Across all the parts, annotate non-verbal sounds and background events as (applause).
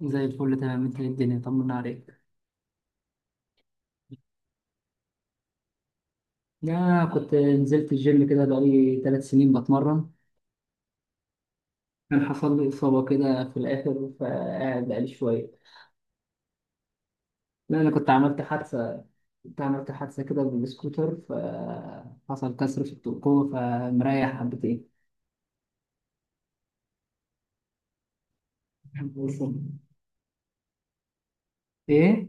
زي الفل، تمام. انت، ايه الدنيا؟ طمنا عليك. لا، كنت نزلت الجيم كده، بقالي 3 سنين بتمرن. كان حصل لي إصابة كده في الآخر، فقاعد بقالي شوية. لا، أنا كنت عملت حادثة. كنت عملت حادثة كده بالسكوتر. فحصل كسر في القوة، فمريح حبتين. إيه؟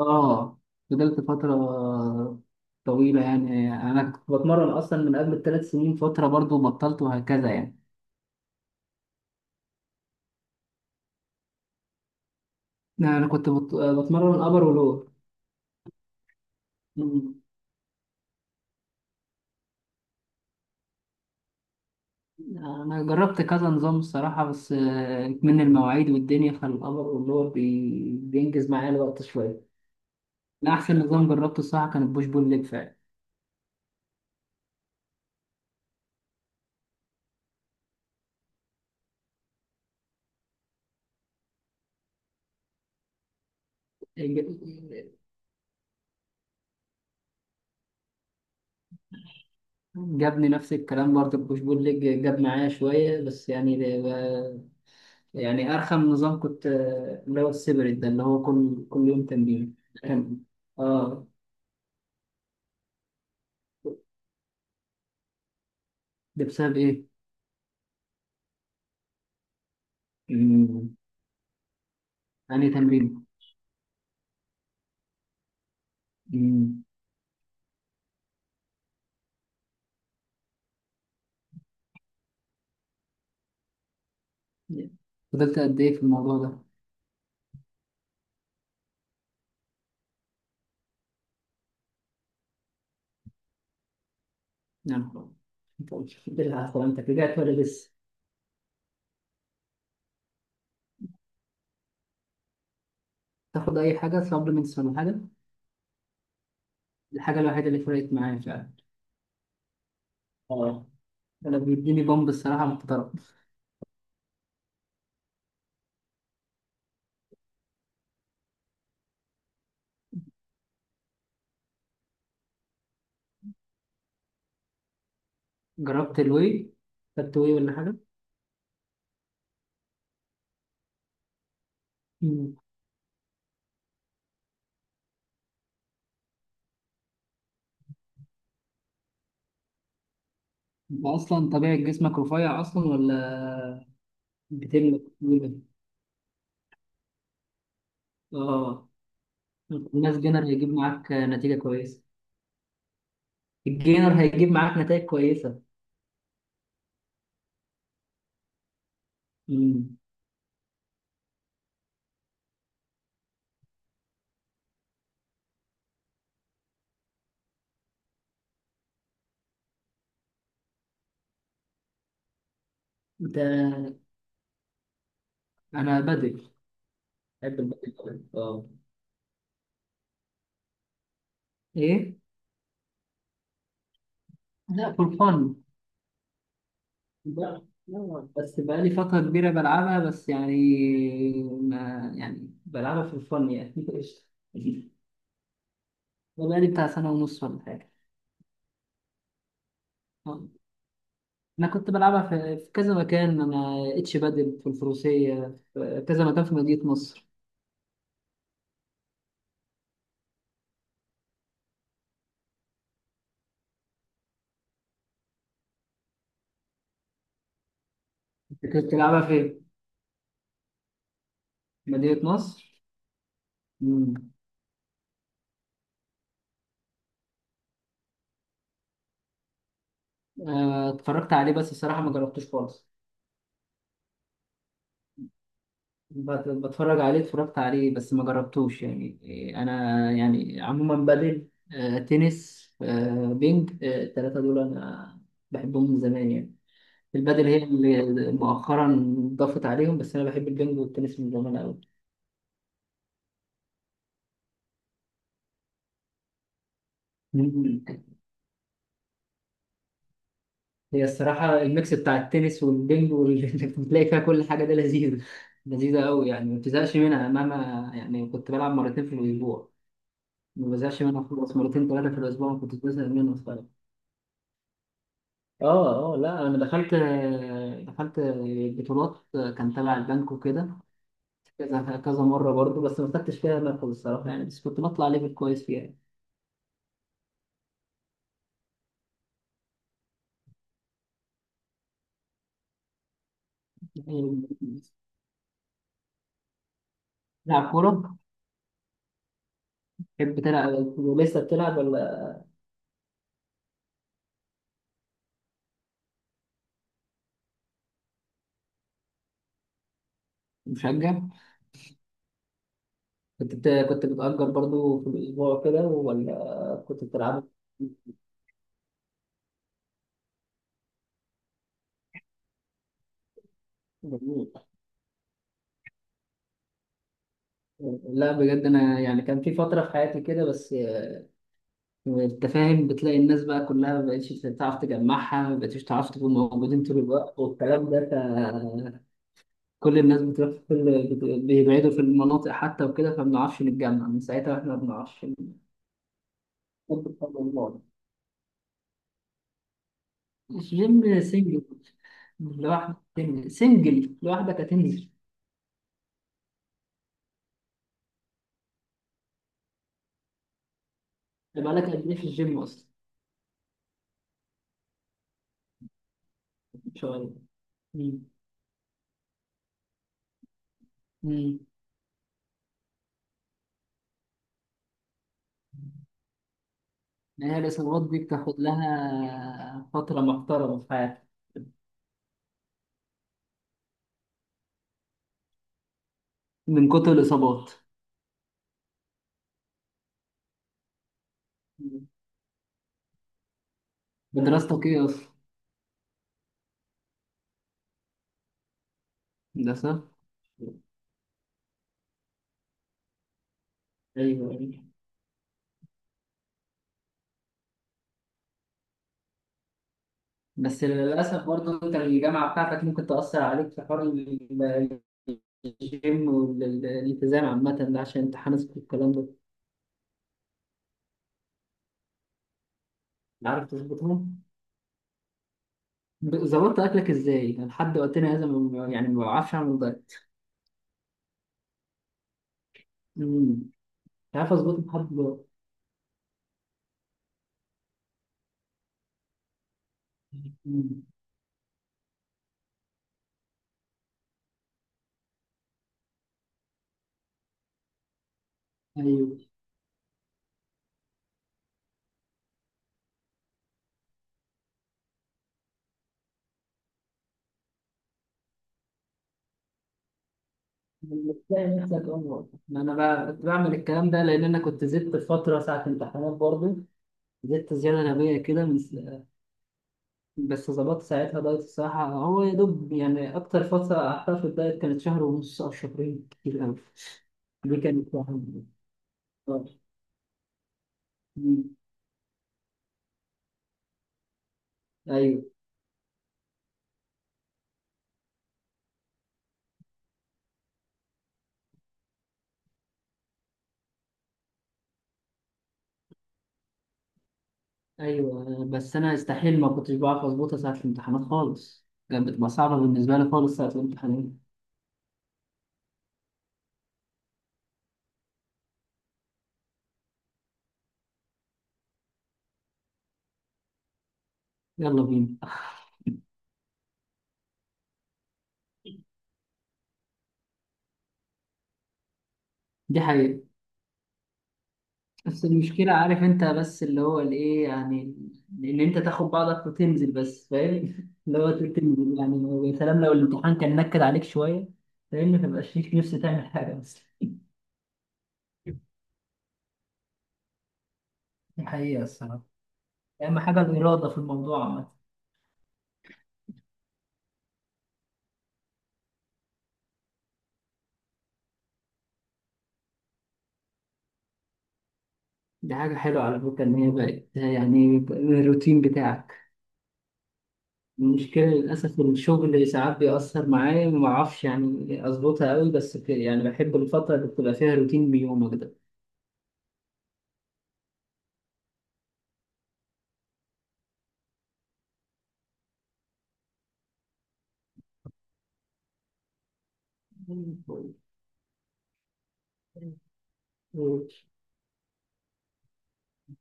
آه. فضلت فترة طويلة، يعني أنا كنت بتمرن أصلا من قبل الثلاث سنين فترة، برضو بطلت وهكذا يعني. لا، أنا كنت بتمرن أبر ولور. انا جربت كذا نظام الصراحه، بس من المواعيد والدنيا، فالامر اللي هو بينجز معايا الوقت شويه. لا، احسن نظام جربته الصراحه كان البوش بول ليج فعلا. ج- جابني نفس الكلام برضه، البوش بول ليج جاب معايا شويه بس يعني يعني ارخم نظام كنت اللي هو السيبريت ده، اللي هو كل يوم تمرين. كان. اه ده بسبب ايه؟ مم. يعني تمرين. مم. فضلت قد ايه في الموضوع ده؟ نعم. بالعافية، انت رجعت ولا لسه؟ تاخد اي حاجه سبلمنتس ولا حاجه؟ الحاجه الوحيده اللي فرقت معايا فعلا. اه، انا بيديني بامب الصراحه محترم. جربت الواي؟ خدت واي ولا حاجه؟ مم. انت اصلا طبيعه جسمك رفيع اصلا، ولا بتملك طويلة؟ اه. الناس جينر هيجيب معاك نتيجه كويسه. الجينر هيجيب معاك نتائج كويسه. مم. ده، انا بدل. بحب البدل أوي. اه. ايه. لا، فور فن. لا، لا، بس بقالي فترة كبيرة بلعبها بس يعني، ما يعني بلعبها في الفن يعني (laughs) قشطة. بقالي بتاع سنة ونص ولا حاجة. آه. أنا كنت بلعبها في كذا مكان، أنا اتش بادل في الفروسية، في كذا مكان في مدينة نصر. أنت كنت بتلعبها فين؟ مدينة نصر؟ مم. آه، اتفرجت عليه، بس الصراحة ما جربتوش خالص. بتفرج عليه، اتفرجت عليه، بس ما جربتوش يعني. إيه، انا يعني عموما بدل، تنس، بينج، التلاتة دول انا بحبهم من زمان يعني. البدل هي اللي مؤخرا ضافت عليهم، بس انا بحب البينج والتنس من زمان قوي. مم. (laughs) هي الصراحة الميكس بتاع التنس والبينج، واللي (laughs) بتلاقي فيها كل حاجة، ده لذيذ. لذيذة قوي، يعني ما بتزهقش منها مهما. يعني كنت بلعب مرتين في الأسبوع، ما بزهقش منها خالص. مرتين ثلاثة في الأسبوع ما كنتش بزهق منها. اه، اه، لا، انا دخلت بطولات كان تبع البنك وكده، كذا كذا مره برضو، بس ما خدتش فيها مركز الصراحه يعني، بس كنت بطلع ليفل كويس فيها. يعني بتلعب كوره؟ تحب تلعب؟ ولسه بتلعب ولا؟ مشجع. كنت بتأجر برضو في الاسبوع كده، ولا كنت بتلعب؟ جميل. لا، بجد انا يعني كان في فتره في حياتي كده، بس انت فاهم، بتلاقي الناس بقى كلها ما بقتش تعرف تجمعها، ما بقتش تعرف تكون موجودين طول الوقت، والكلام ده. فكل الناس بتروح في كل بيبعدوا في المناطق حتى وكده، فما بنعرفش نتجمع من ساعتها، احنا ما بنعرفش نطبق على بعض. الجيم سنجل. لوحدك تنزل، سنجل لوحدك هتنزل. يبقى لك قد ايه في الجيم اصلا؟ ان شاء الله. مم. مم. ما هي الاصابات دي بتاخد لها فترة محترمة في حياتك. من كتر الاصابات. مم. بدراستك ايه اصلا؟ هندسة. ايوه، ايوه. بس للأسف برضه، أنت الجامعة بتاعتك ممكن تأثر عليك في حوار الجيم والالتزام عامة ده، عشان امتحانات والكلام ده. عارف تظبطهم؟ ظبطت أكلك إزاي؟ أنا لحد وقتنا هذا يعني ما بعرفش أعمل دايت. أمم. مش عارف أظبطه لحد دلوقتي. أمم. أيوه. بتلاقي نفسك أمور. ما أنا بقى كنت بعمل الكلام ده لأن أنا كنت زدت فترة ساعة امتحانات برضه، زدت زيادة غبية كده من، بس ظبطت ساعتها دايت الصراحة. هو يا دوب يعني، أكتر فترة قعدتها في الدايت كانت شهر ونص أو شهرين، كتير أوي. دي كانت واحدة من- آه. مم. أيوه، أيوه، بس أنا استحيل ما كنتش بعرف أظبطها ساعة الامتحانات خالص، كانت بتبقى صعبة بالنسبة لي خالص ساعة الامتحانات. يلا بينا (laughs) دي حقيقة. بس المشكلة عارف انت، بس اللي هو الايه يعني، ان انت تاخد بعضك وتنزل بس فاهم (laughs) اللي هو تقول تنزل يعني، ويا سلام لو الامتحان كان نكد عليك شوية، فاهمني مبقاش ليك نفس تعمل حاجة، بس دي حقيقة الصراحة. أهم حاجة الإرادة في الموضوع عامة. دي حاجة حلوة على فكرة، إن هي بقت يعني الروتين بتاعك. المشكلة للأسف الشغل ساعات بيأثر معايا، ما أعرفش يعني أظبطها أوي، بس يعني بحب الفترة اللي بتبقى فيها روتين بيومك ده.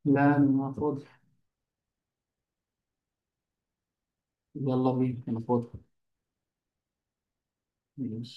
لا، أنا فاضي. يلا بينا، أنا فاضي. ماشي.